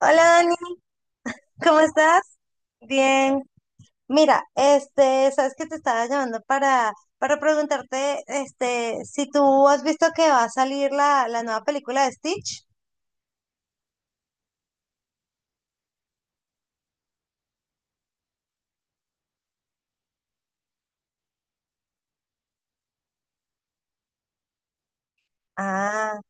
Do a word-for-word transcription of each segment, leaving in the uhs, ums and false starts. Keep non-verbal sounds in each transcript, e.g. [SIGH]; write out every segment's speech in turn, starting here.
Hola Dani, ¿cómo estás? Bien. Mira, este, sabes que te estaba llamando para, para preguntarte, este, si tú has visto que va a salir la, la nueva película de Stitch. Ah.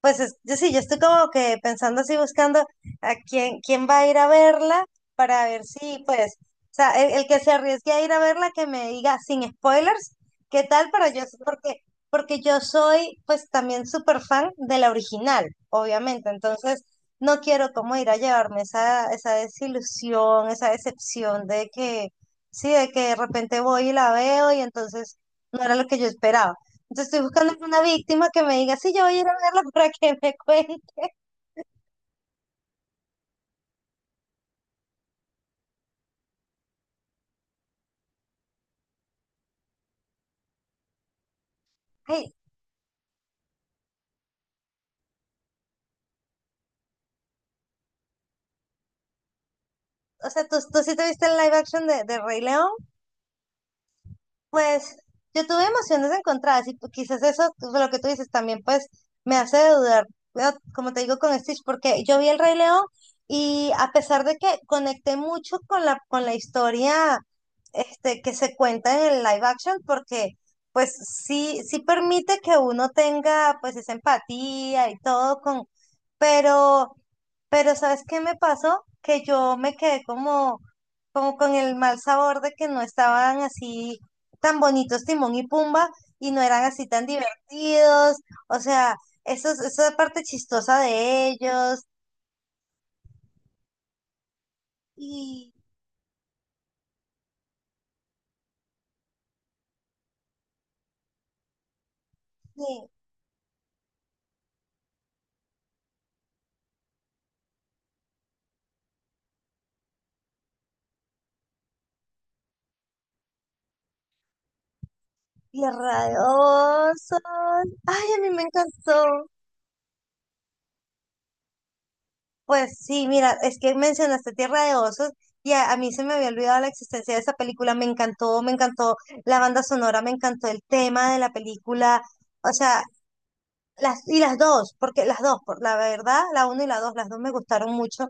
Pues es- yo sí, yo estoy como que pensando así, buscando a quién, quién va a ir a verla para ver si, pues, o sea, el, el que se arriesgue a ir a verla, que me diga sin spoilers, qué tal, pero yo, s- porque, porque yo soy, pues, también súper fan de la original, obviamente, entonces no quiero como ir a llevarme esa, esa desilusión, esa decepción de que, sí, de que de repente voy y la veo y entonces no era lo que yo esperaba. Entonces estoy buscando una víctima que me diga, sí, yo voy a ir a verla para que me cuente. Ay, o sea, ¿tú, tú sí te viste el live action de, de Rey León? Pues yo tuve emociones encontradas y pues, quizás eso, pues, lo que tú dices también, pues me hace dudar, pero, como te digo con Stitch, porque yo vi El Rey León y a pesar de que conecté mucho con la, con la historia este, que se cuenta en el live action, porque pues sí, sí permite que uno tenga pues esa empatía y todo con, pero... Pero ¿sabes qué me pasó? Que yo me quedé como, como con el mal sabor de que no estaban así tan bonitos Timón y Pumba y no eran así tan divertidos. O sea, eso, es- eso es parte chistosa de ellos. Y, y, y radiosos. Ay, a mí me encantó. Pues sí, mira, es que mencionaste Tierra de Osos y a, a mí se me había olvidado la existencia de esa película. Me encantó, me encantó la banda sonora, me encantó el tema de la película. O sea, las, y las dos, porque las dos, por la verdad, la uno y la dos, las dos me gustaron mucho.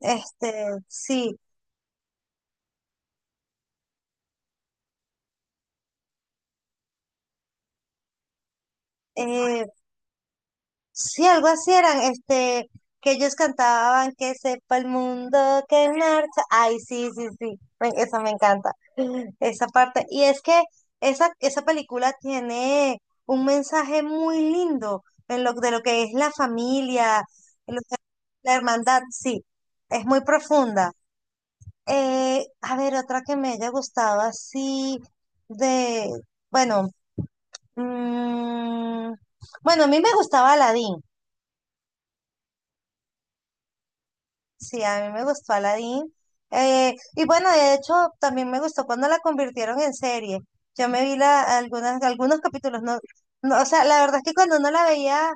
Este, sí. eh, Sí, algo así eran, este, que ellos cantaban que sepa el mundo que marcha. Ay, sí, sí, sí, me- esa me encanta, esa parte. Y es que esa, esa película tiene un mensaje muy lindo en lo, de lo que es la familia, en lo que- la hermandad, sí, es muy profunda. Eh, a ver, otra que me haya gustado así de, bueno, mm, bueno, a mí me gustaba Aladdin. Sí, a mí me gustó Aladdin. Eh, y bueno, de hecho, también me gustó cuando la convirtieron en serie. Yo me vi la, algunas, algunos capítulos, no, no, o sea, la verdad es que cuando uno la veía,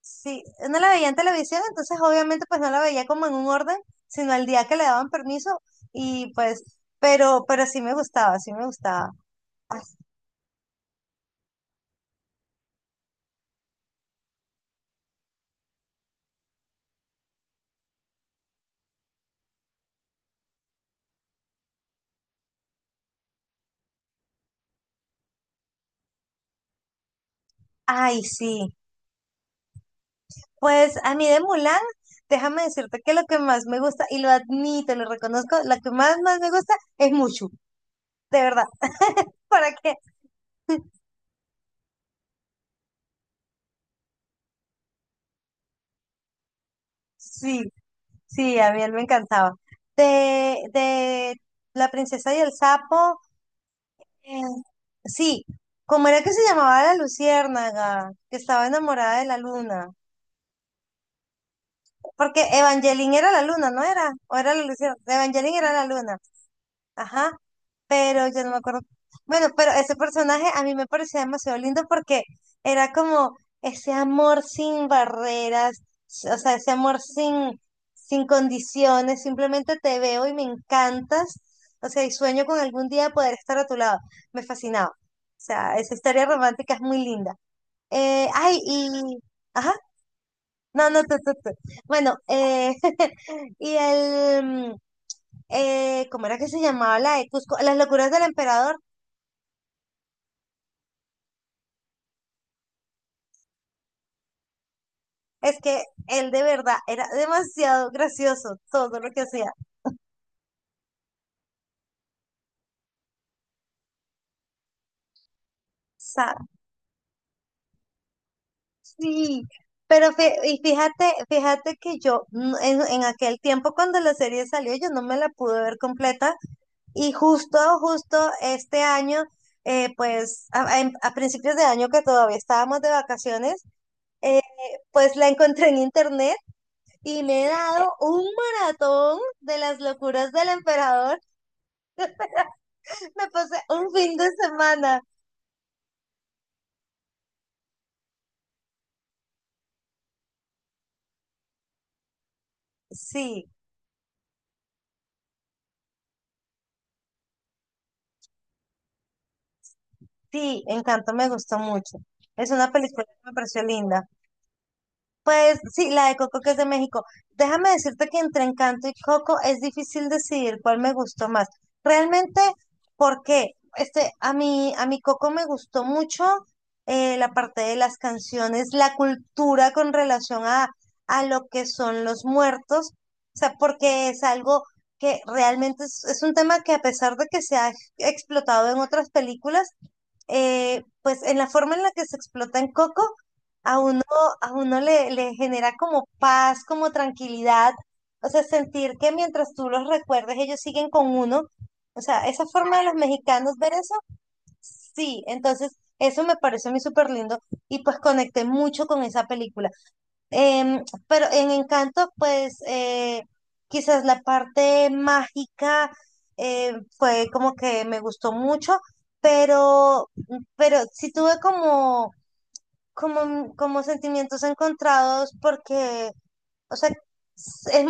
sí, uno la veía en televisión, entonces obviamente pues no la veía como en un orden, sino al día que le daban permiso y pues, pero, pero sí me gustaba, sí me gustaba. Ay, sí. Pues a mí de Mulan, déjame decirte que lo que más me gusta, y lo admito, lo reconozco, lo que más, más me gusta es Mushu. De verdad, [LAUGHS] para que sí, sí, a mí él me encantaba. De, de La princesa y el sapo, eh, sí, ¿cómo era que se llamaba la luciérnaga? Que estaba enamorada de la luna. Porque Evangeline era la luna, ¿no era? ¿O era la luciérnaga? Evangeline era la luna. Ajá. Pero ya no me acuerdo. Bueno, pero ese personaje a mí me parecía demasiado lindo porque era como ese amor sin barreras, s- o sea, ese amor sin, sin condiciones, simplemente te veo y me encantas, o sea, y sueño con algún día poder estar a tu lado. Me fascinaba. O sea, esa historia romántica es muy linda. Eh, ay, y... Ajá, no, no, tú, tú, tú. Bueno, eh, [LAUGHS] y el... mm, eh, ¿cómo era que se llamaba la de Cusco? Las locuras del emperador. Es que él de verdad era demasiado gracioso todo lo que hacía. O sea, sí. Pero fí- y fíjate, fíjate que yo mm, en, en aquel tiempo cuando la serie salió, yo no me la pude ver completa. Y justo, justo este año, eh, pues a, a- en- a principios de año que todavía estábamos de vacaciones, eh, pues la encontré en internet y me he dado un maratón de las locuras del emperador. [LAUGHS] Me pasé un fin de semana. Sí. Sí, Encanto me gustó mucho. Es una película que me pareció linda. Pues sí, la de Coco que es de México. Déjame decirte que entre Encanto y Coco es difícil decidir cuál me gustó más. Realmente, ¿por qué? Este, a mí, a mi Coco me gustó mucho eh, la parte de las canciones, la cultura con relación a, a lo que son los muertos. O sea, porque es algo que realmente es es un tema que a pesar de que se ha explotado en otras películas, eh, pues en la forma en la que se explota en Coco, a uno, a uno le, le genera como paz, como tranquilidad, o sea, sentir que mientras tú los recuerdes, ellos siguen con uno. O sea, esa forma de los mexicanos ver eso, sí, entonces eso me pareció a mí súper lindo y pues conecté mucho con esa película. Em, pero en Encanto, pues eh, quizás la parte mágica eh, fue como que me gustó mucho, pero, pero sí tuve como, como, como sentimientos encontrados porque, o sea, es,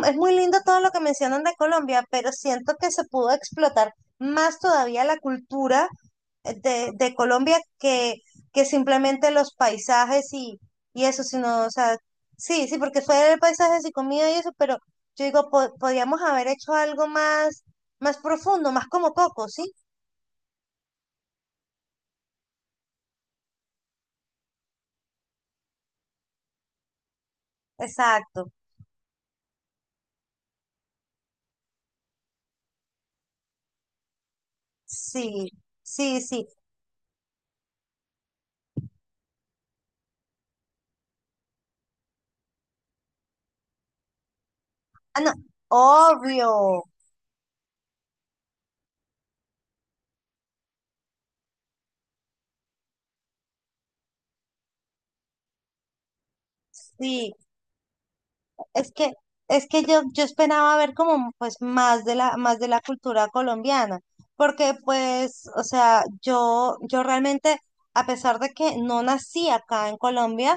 es muy lindo todo lo que mencionan de Colombia, pero siento que se pudo explotar más todavía la cultura de, de Colombia que, que simplemente los paisajes y, y eso, sino, o sea, sí, sí, porque fue el paisaje y comida y eso, pero yo digo, po- podríamos haber hecho algo más, más profundo, más como Coco, ¿sí? Exacto, sí, sí, sí. Ah, no, obvio, sí. Es que, es que yo, yo esperaba ver como pues más de la, más de la cultura colombiana, porque pues, o sea, yo, yo realmente, a pesar de que no nací acá en Colombia,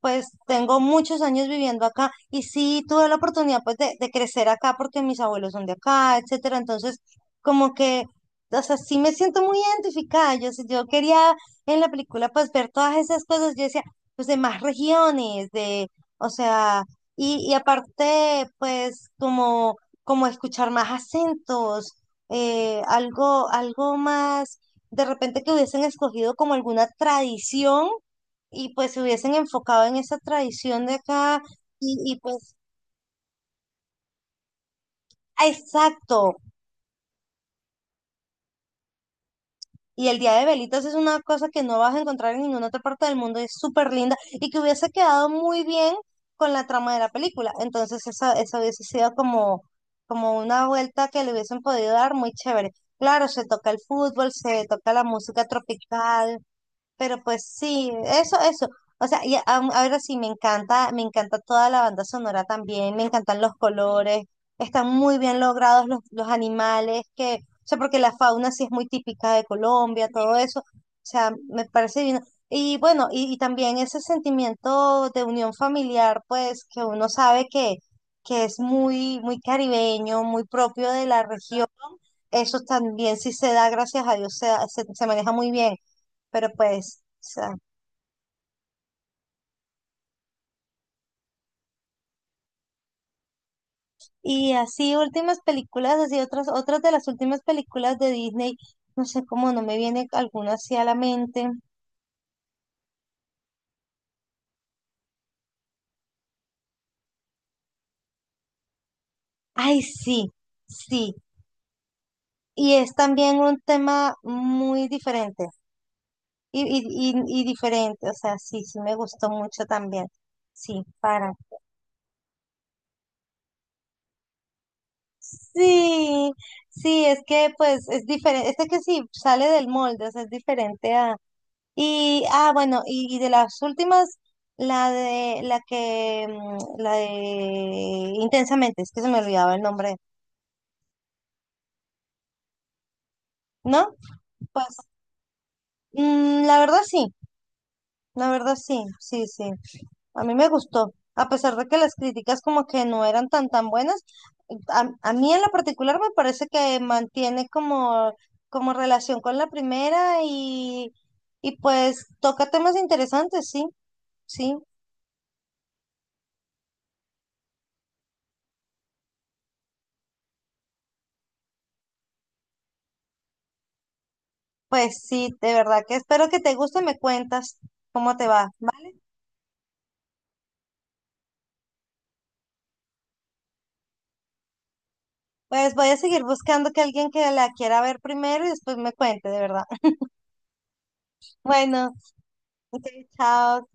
pues tengo muchos años viviendo acá y sí tuve la oportunidad pues de, de crecer acá porque mis abuelos son de acá, etcétera. Entonces, como que, o sea, sí me siento muy identificada. Yo, sí- yo quería en la película pues ver todas esas cosas. Yo decía, pues de más regiones, de, o sea y, y aparte, pues, como, como escuchar más acentos, eh, algo, algo más, de repente que hubiesen escogido como alguna tradición y pues se hubiesen enfocado en esa tradición de acá y, y pues, ah, exacto, y el día de velitas es una cosa que no vas a encontrar en ninguna otra parte del mundo, y es súper linda y que hubiese quedado muy bien con la trama de la película. Entonces esa, esa hubiese sido como, como una vuelta que le hubiesen podido dar muy chévere. Claro, se toca el fútbol, se toca la música tropical, pero pues sí, eso, eso. O sea, y a- ahora sí, me encanta, me encanta toda la banda sonora también, me encantan los colores, están muy bien logrados los, los animales, que, o sea, porque la fauna sí es muy típica de Colombia, todo eso. O sea, me parece bien. Y bueno, y, y también ese sentimiento de unión familiar, pues, que uno sabe que, que es muy, muy caribeño, muy propio de la región, eso también sí se da, gracias a Dios, se da- se se maneja muy bien pero pues, o sea, y así últimas películas, así otras, otras de las últimas películas de Disney, no sé cómo no me viene alguna así a la mente. Ay, sí, sí, y es también un tema muy diferente, y, y, y, y diferente, o sea, sí, sí me gustó mucho también, sí, para. Sí, sí, es que pues es diferente, es que sí, sale del molde, o sea, es diferente a y, ah, bueno, y, y de las últimas, la de, la que, mm, la de Intensamente, es que se me olvidaba el nombre, ¿no? Pues, mm, la verdad sí, la verdad sí, sí, sí, a mí me gustó, a pesar de que las críticas como que no eran tan tan buenas, a, a mí en lo particular me parece que mantiene como, como relación con la primera y, y pues toca temas interesantes, sí, sí. Pues sí, de verdad que espero que te guste, me cuentas cómo te va. ¿Va? Pues voy a seguir buscando que alguien que la quiera ver primero y después me cuente, de verdad. [LAUGHS] Bueno, ok, chao.